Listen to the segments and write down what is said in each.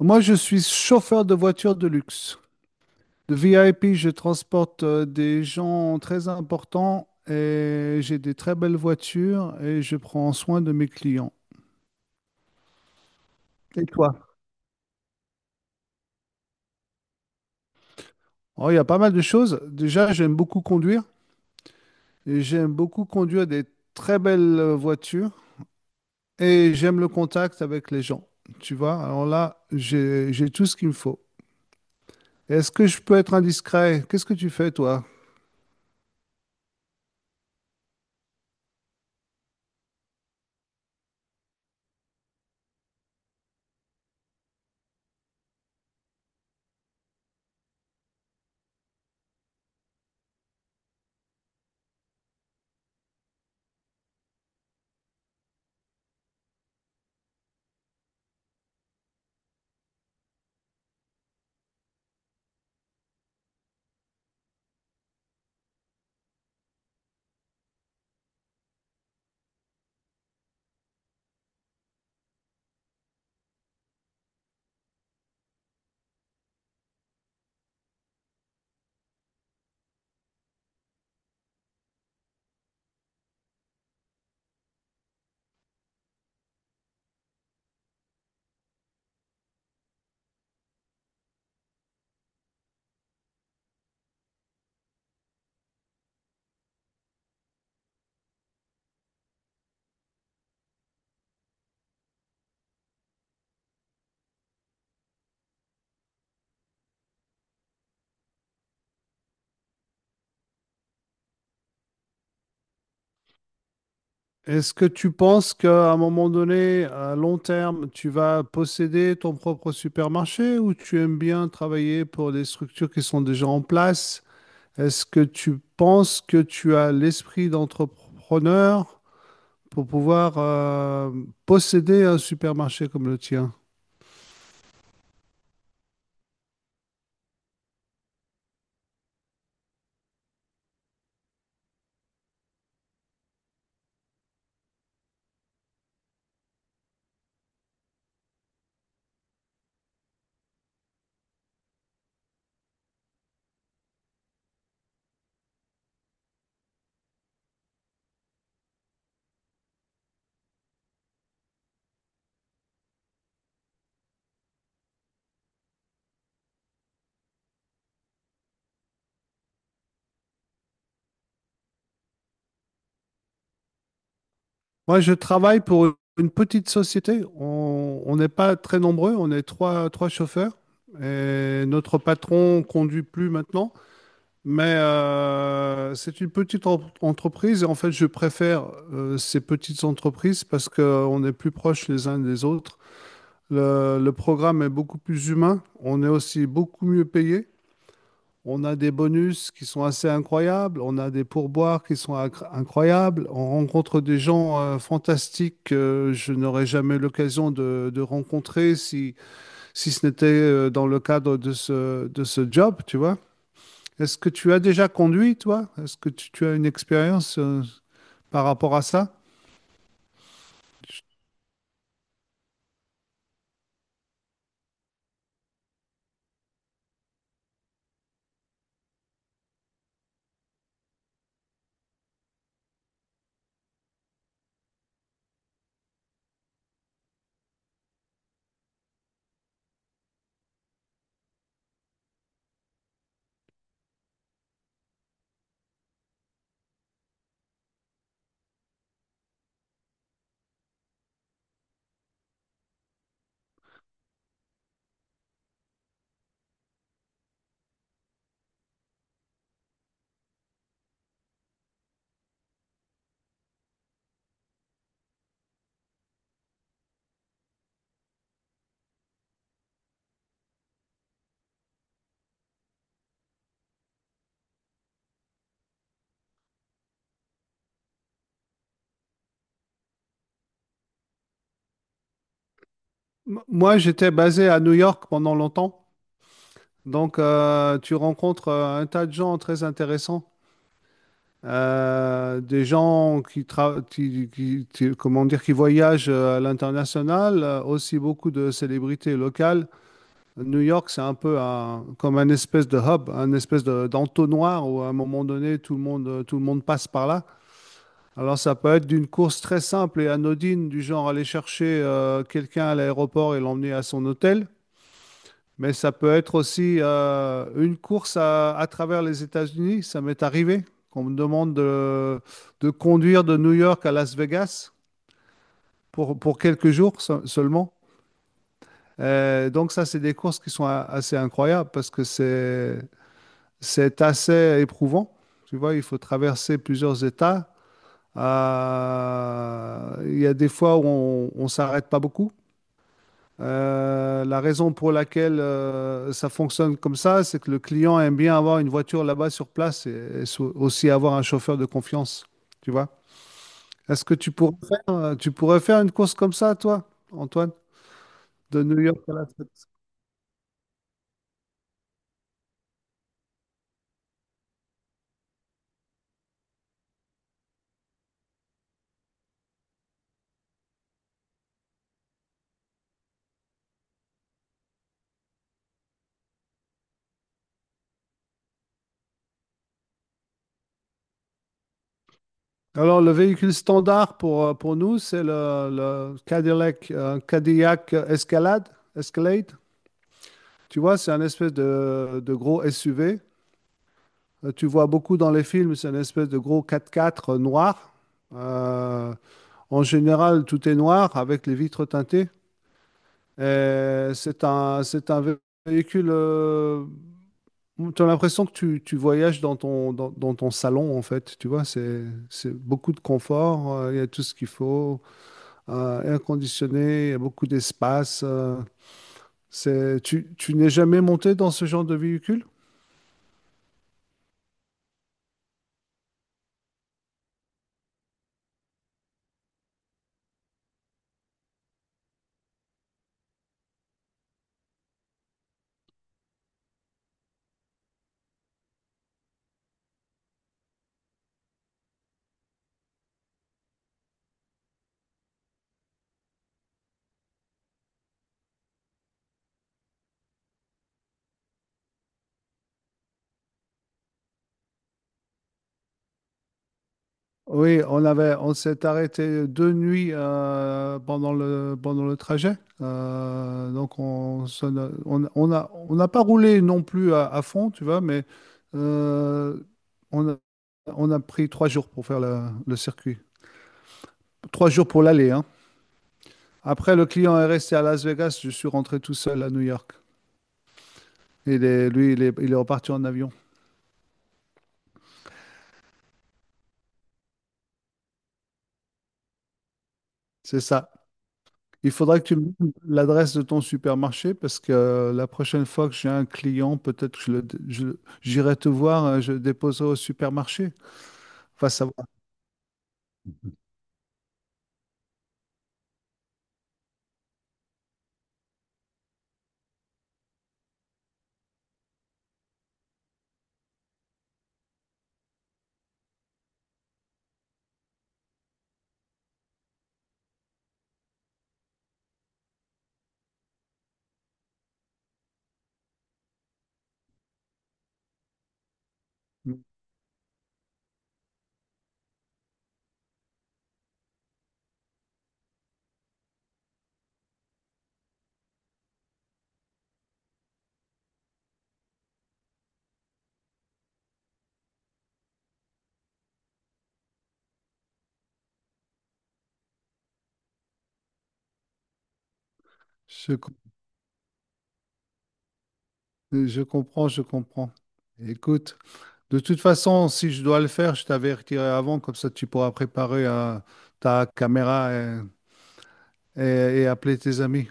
Moi, je suis chauffeur de voiture de luxe. De VIP, je transporte des gens très importants, et j'ai des très belles voitures, et je prends soin de mes clients. Et toi? Oh, il y a pas mal de choses. Déjà, j'aime beaucoup conduire, et j'aime beaucoup conduire des très belles voitures, et j'aime le contact avec les gens. Tu vois, alors là, j'ai tout ce qu'il me faut. Est-ce que je peux être indiscret? Qu'est-ce que tu fais, toi? Est-ce que tu penses qu'à un moment donné, à long terme, tu vas posséder ton propre supermarché, ou tu aimes bien travailler pour des structures qui sont déjà en place? Est-ce que tu penses que tu as l'esprit d'entrepreneur pour pouvoir posséder un supermarché comme le tien? Moi, je travaille pour une petite société. On n'est pas très nombreux, on est trois, trois chauffeurs. Et notre patron conduit plus maintenant. Mais c'est une petite entreprise, et en fait, je préfère ces petites entreprises parce qu'on est plus proches les uns des autres. Le programme est beaucoup plus humain. On est aussi beaucoup mieux payé. On a des bonus qui sont assez incroyables. On a des pourboires qui sont incroyables. On rencontre des gens fantastiques que je n'aurais jamais l'occasion de rencontrer si, si ce n'était dans le cadre de ce job, tu vois. Est-ce que tu as déjà conduit, toi? Est-ce que tu as une expérience par rapport à ça? Je- Moi, j'étais basé à New York pendant longtemps. Donc, tu rencontres un tas de gens très intéressants. Des gens qui, comment dire, qui voyagent à l'international, aussi beaucoup de célébrités locales. New York, c'est un peu comme un espèce de hub, un espèce d'entonnoir où à un moment donné, tout le monde passe par là. Alors ça peut être d'une course très simple et anodine, du genre aller chercher quelqu'un à l'aéroport et l'emmener à son hôtel, mais ça peut être aussi une course à travers les États-Unis. Ça m'est arrivé qu'on me demande de conduire de New York à Las Vegas pour quelques jours seulement. Donc ça, c'est des courses qui sont assez incroyables parce que c'est assez éprouvant. Tu vois, il faut traverser plusieurs États. Il y a des fois où on ne s'arrête pas beaucoup. La raison pour laquelle ça fonctionne comme ça, c'est que le client aime bien avoir une voiture là-bas sur place, et aussi avoir un chauffeur de confiance. Tu vois? Est-ce que tu pourrais faire une course comme ça, toi, Antoine, de New York à la Suède? Alors, le véhicule standard pour nous, c'est le Cadillac, Cadillac Escalade, Escalade. Tu vois, c'est un espèce de gros SUV. Tu vois beaucoup dans les films, c'est une espèce de gros 4x4 noir. Euh, En général, tout est noir avec les vitres teintées. Et c'est un véhicule. Tu as l'impression que tu voyages dans ton, dans, dans ton salon, en fait. Tu vois, c'est beaucoup de confort. Il y a tout ce qu'il faut. Air conditionné, il y a beaucoup d'espace. Euh, c'est, tu n'es jamais monté dans ce genre de véhicule? Oui, on avait, on s'est arrêté deux nuits pendant le trajet. Donc, on, on a, on n'a pas roulé non plus à fond, tu vois, mais euh, on a, on a pris trois jours pour faire le circuit. Trois jours pour l'aller, hein. Après, le client est resté à Las Vegas, je suis rentré tout seul à New York. Il est, lui, il est reparti en avion. C'est ça. Il faudra que tu me donnes l'adresse de ton supermarché parce que la prochaine fois que j'ai un client, peut-être que j'irai te voir, je le déposerai au supermarché. Enfin, savoir. Je, com- je comprends, je comprends. Écoute, de toute façon, si je dois le faire, je t'avertirai avant, comme ça tu pourras préparer ta caméra, et appeler tes amis.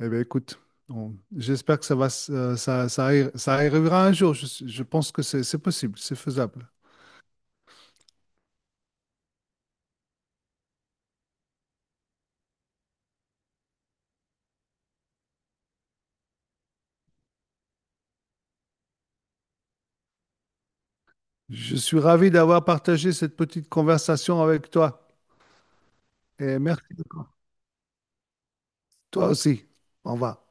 Eh bien, écoute, j'espère que ça va, ça arrivera un jour. Je pense que c'est possible, c'est faisable. Je suis ravi d'avoir partagé cette petite conversation avec toi, et merci. Toi aussi. Au revoir.